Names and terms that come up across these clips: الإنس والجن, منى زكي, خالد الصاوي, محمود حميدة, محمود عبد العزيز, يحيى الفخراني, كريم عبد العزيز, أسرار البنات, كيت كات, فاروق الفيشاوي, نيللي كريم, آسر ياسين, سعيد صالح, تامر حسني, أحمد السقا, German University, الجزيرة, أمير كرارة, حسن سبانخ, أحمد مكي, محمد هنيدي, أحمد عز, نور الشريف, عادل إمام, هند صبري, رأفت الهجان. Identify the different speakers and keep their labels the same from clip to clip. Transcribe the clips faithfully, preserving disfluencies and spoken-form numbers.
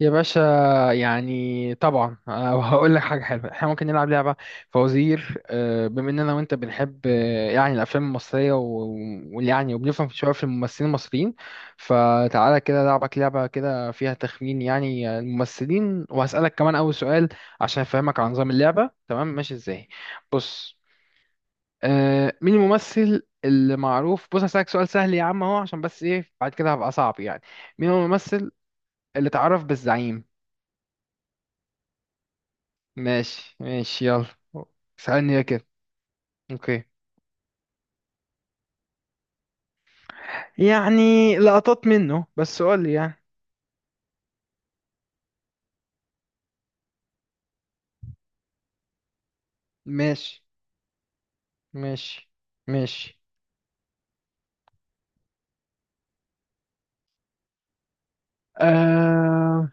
Speaker 1: يا باشا. يعني طبعا آه، هقول لك حاجة حلوة. احنا ممكن نلعب لعبة فوازير آه، بما اننا وانت بنحب آه، يعني الافلام المصرية و- ويعني وبنفهم شوية في الممثلين المصريين. فتعالى كده لعبك لعبة كده فيها تخمين يعني الممثلين، وهسألك كمان اول سؤال عشان افهمك عن نظام اللعبة. تمام؟ ماشي ازاي؟ بص. آه، مين الممثل اللي معروف؟ بص هسألك سؤال سهل يا عم اهو، عشان بس ايه بعد كده هبقى صعب يعني. مين هو الممثل اللي تعرف بالزعيم؟ ماشي ماشي، يلا اسألني يا كده. اوكي. يعني لقطات منه بس، قول لي يعني. ماشي ماشي ماشي. آه...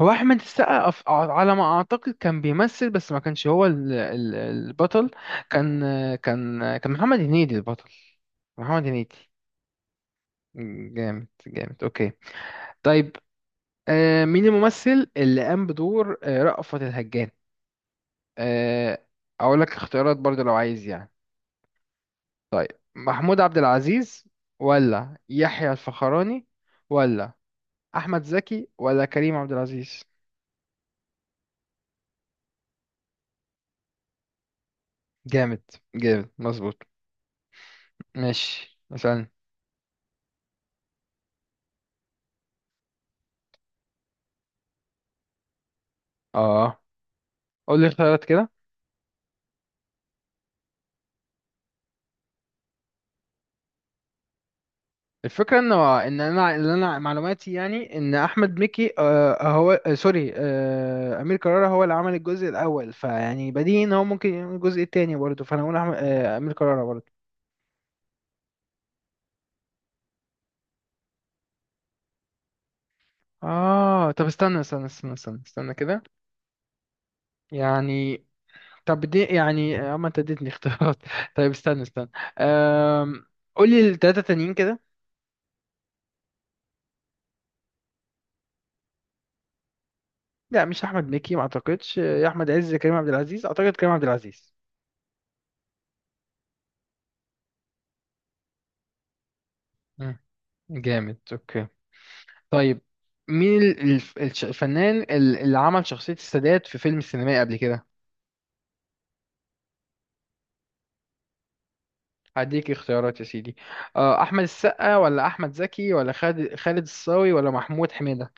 Speaker 1: هو أحمد السقا أف- على ما أعتقد كان بيمثل، بس ما كانش هو ال... ال... البطل. كان كان كان محمد هنيدي البطل. محمد هنيدي. جامد جامد أوكي. طيب. آه... مين الممثل اللي قام بدور آه، رأفت الهجان؟ آه... أقول لك اختيارات برضه لو عايز يعني. طيب، محمود عبد العزيز ولا يحيى الفخراني ولا احمد زكي ولا كريم عبد العزيز؟ جامد جامد مظبوط. ماشي مثلا. اه قول لي اختيارات كده. الفكره ان ان انا اللي انا معلوماتي، يعني ان احمد مكي آه هو آه سوري، آه امير كرارة هو اللي عمل الجزء الاول، فيعني بديهي ان هو ممكن يعمل الجزء التاني برضه. فانا اقول أحمد آه امير كرارة برضه. اه طب استنى استنى استنى استنى استنى كده. يعني. طب دي يعني اما انت اديتني اختيارات. طيب استنى استنى. أم... قولي التلاتة تانيين كده. لا مش احمد مكي ما اعتقدش، يا احمد عز كريم عبد العزيز، اعتقد كريم عبد العزيز. مم. جامد اوكي. طيب، مين ال- الف- الش- الفنان ال- اللي عمل شخصية السادات في فيلم سينمائي قبل كده؟ هديك اختيارات يا سيدي. أه، احمد السقا ولا احمد زكي ولا خالد خالد الصاوي ولا محمود حميدة؟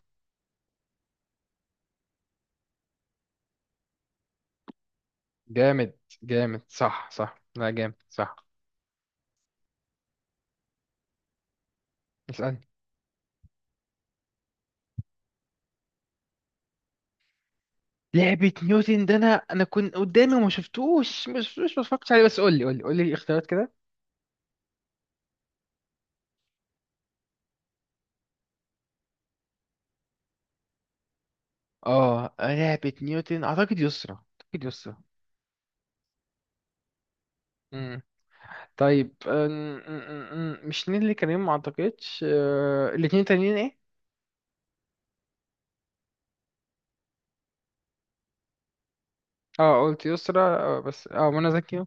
Speaker 1: جامد جامد صح صح، لا جامد صح. اسألني. لعبة نيوتن ده انا انا كنت قدامي وما شفتوش، ما شفتوش ما اتفرجتش عليه. بس قول لي قول لي قول لي الاختيارات كده. اه لعبة نيوتن اعتقد يسرا، اعتقد يسرا. امم طيب، أم، أم، أم، أم، مش نيللي كريم ما اعتقدش. أه، الاتنين تانيين ايه؟ اه قلت يسرا. آه، بس اه منى زكي.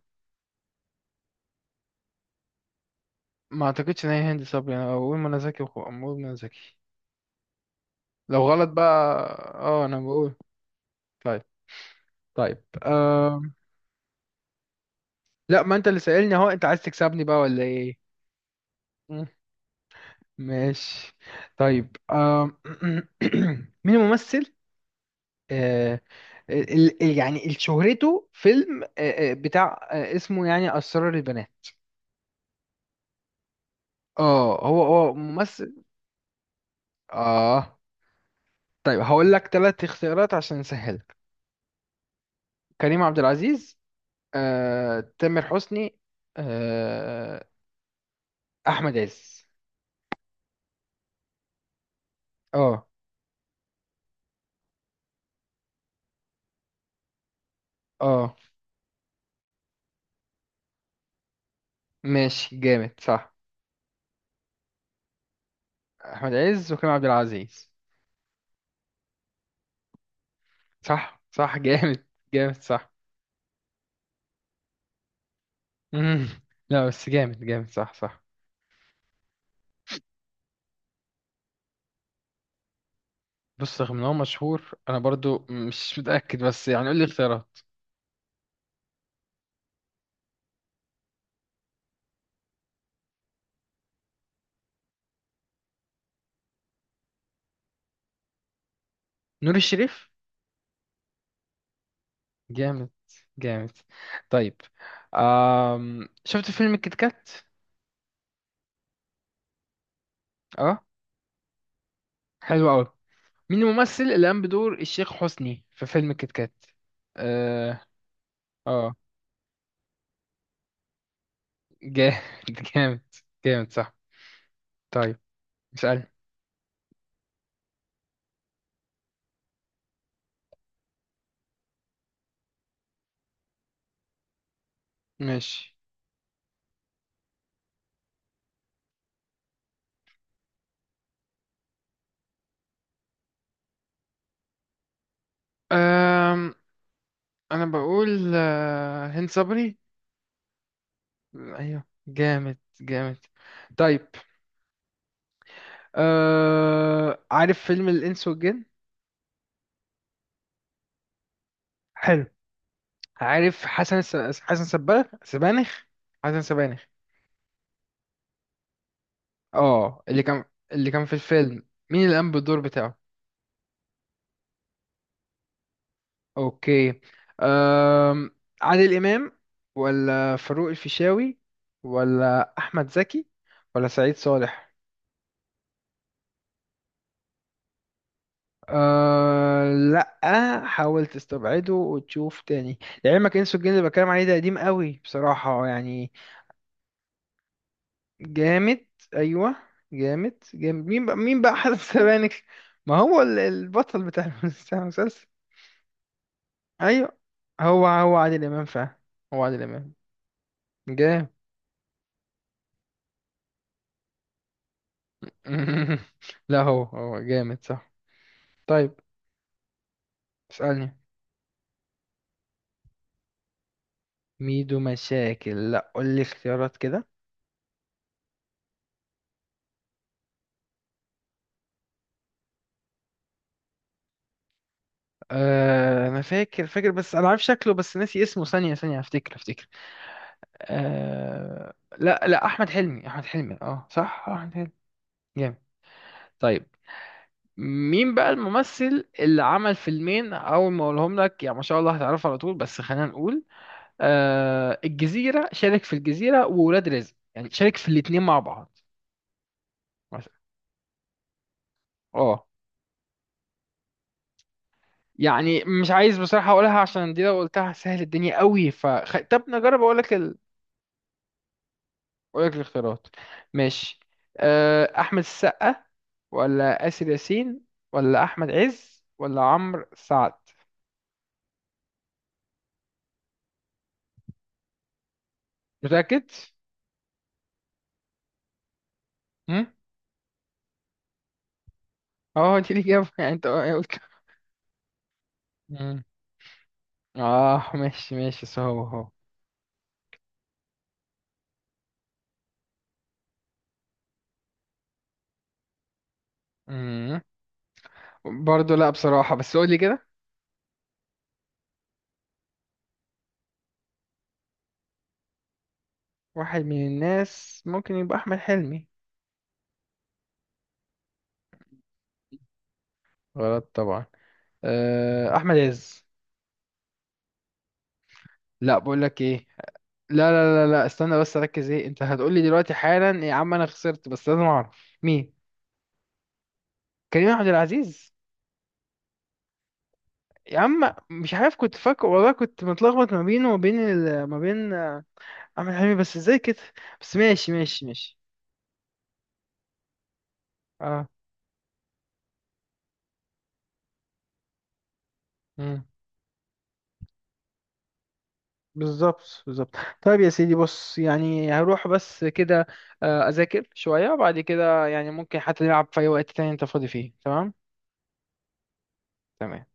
Speaker 1: ما اعتقدش ان هي هند صبري، انا بقول منى زكي، وخ- بقول منى زكي، لو غلط بقى. اه انا بقول. طيب طيب. أم... لا ما انت اللي سألني اهو، انت عايز تكسبني بقى ولا ايه؟ ماشي. طيب آم، مين الممثل آه، ال- ال- يعني اللي شهرته فيلم آه، آه، بتاع آه، اسمه يعني أسرار البنات. اه هو هو ممثل. اه طيب هقول لك ثلاث اختيارات عشان نسهلك. كريم عبد العزيز، آه، تامر حسني، آه، أحمد عز. اه اه ماشي جامد صح. أحمد عز وكريم عبد العزيز. صح صح جامد جامد صح. مم. لا بس جامد جامد صح صح. بص رغم ان هو مشهور انا برضو مش متأكد، بس يعني قول لي اختيارات. نور الشريف. جامد جامد. طيب، آم... شفت فيلم كيت كات؟ اه حلو قوي. مين الممثل اللي قام بدور الشيخ حسني في فيلم كيت كات؟ اه اه جامد. جامد جامد صح. طيب اسألني. ماشي. آم... انا بقول آه، هند صبري. ايوه جامد جامد. طيب. أه... عارف فيلم الإنس والجن؟ حلو. عارف حسن الس... حسن سبانخ سبانخ حسن سبانخ؟ اه اللي كان اللي كان في الفيلم. مين اللي قام بالدور بتاعه؟ اوكي. أم... عادل إمام ولا فاروق الفيشاوي ولا أحمد زكي ولا سعيد صالح؟ أه... لا حاول تستبعده وتشوف تاني. لعلمك انسو الجن اللي بتكلم عليه ده قديم قوي بصراحة يعني. جامد ايوه جامد جامد. مين بقى مين بقى حازم سبانخ؟ ما هو ال- البطل بتاع الم- بتاع المسلسل. ايوه هو هو عادل امام فعلا. هو عادل امام. جامد. لا هو هو جامد صح. طيب اسألني. ميدو مشاكل؟ لا قول لي اختيارات كده. أه انا فاكر فاكر، بس انا عارف شكله بس ناسي اسمه. ثانية ثانية افتكر افتكر. أه لا لا، احمد حلمي احمد حلمي. اه صح، احمد حلمي. جامد. طيب مين بقى الممثل اللي عمل فيلمين اول ما اقولهم لك، يعني ما شاء الله هتعرفه على طول، بس خلينا نقول. آه الجزيرة، شارك في الجزيرة وولاد رزق، يعني شارك في الاتنين مع بعض مثلا. اه. يعني مش عايز بصراحة اقولها، عشان دي لو قلتها سهل الدنيا قوي. ف خ- طب نجرب اقول لك ال... اقول لك الاختيارات. ماشي. آه احمد السقا ولا آسر ياسين ولا احمد عز ولا عمرو سعد. متأكد؟ هم؟ اه دي الإجابة يعني انت قلت. اه ماشي ماشي، صعب اهو. امم برضه لا بصراحة، بس قولي كده. واحد من الناس ممكن يبقى أحمد حلمي. غلط طبعا. آه، أحمد عز. لا بقول لك ايه، لا لا لا لا استنى بس ركز. ايه انت هتقولي دلوقتي؟ حالا يا عم انا خسرت بس لازم اعرف مين. كريم عبد العزيز. يا عم مش عارف كنت فاكر والله، كنت متلخبط ما بينه وما بين ال... ما بين آه، احمد حلمي. بس ازاي كده؟ بس ماشي ماشي ماشي. اه بالظبط بالظبط. طيب يا سيدي، بص يعني هروح بس كده، آه، اذاكر شوية، وبعد كده يعني ممكن حتى نلعب في اي وقت تاني انت فاضي فيه. تمام؟ تمام.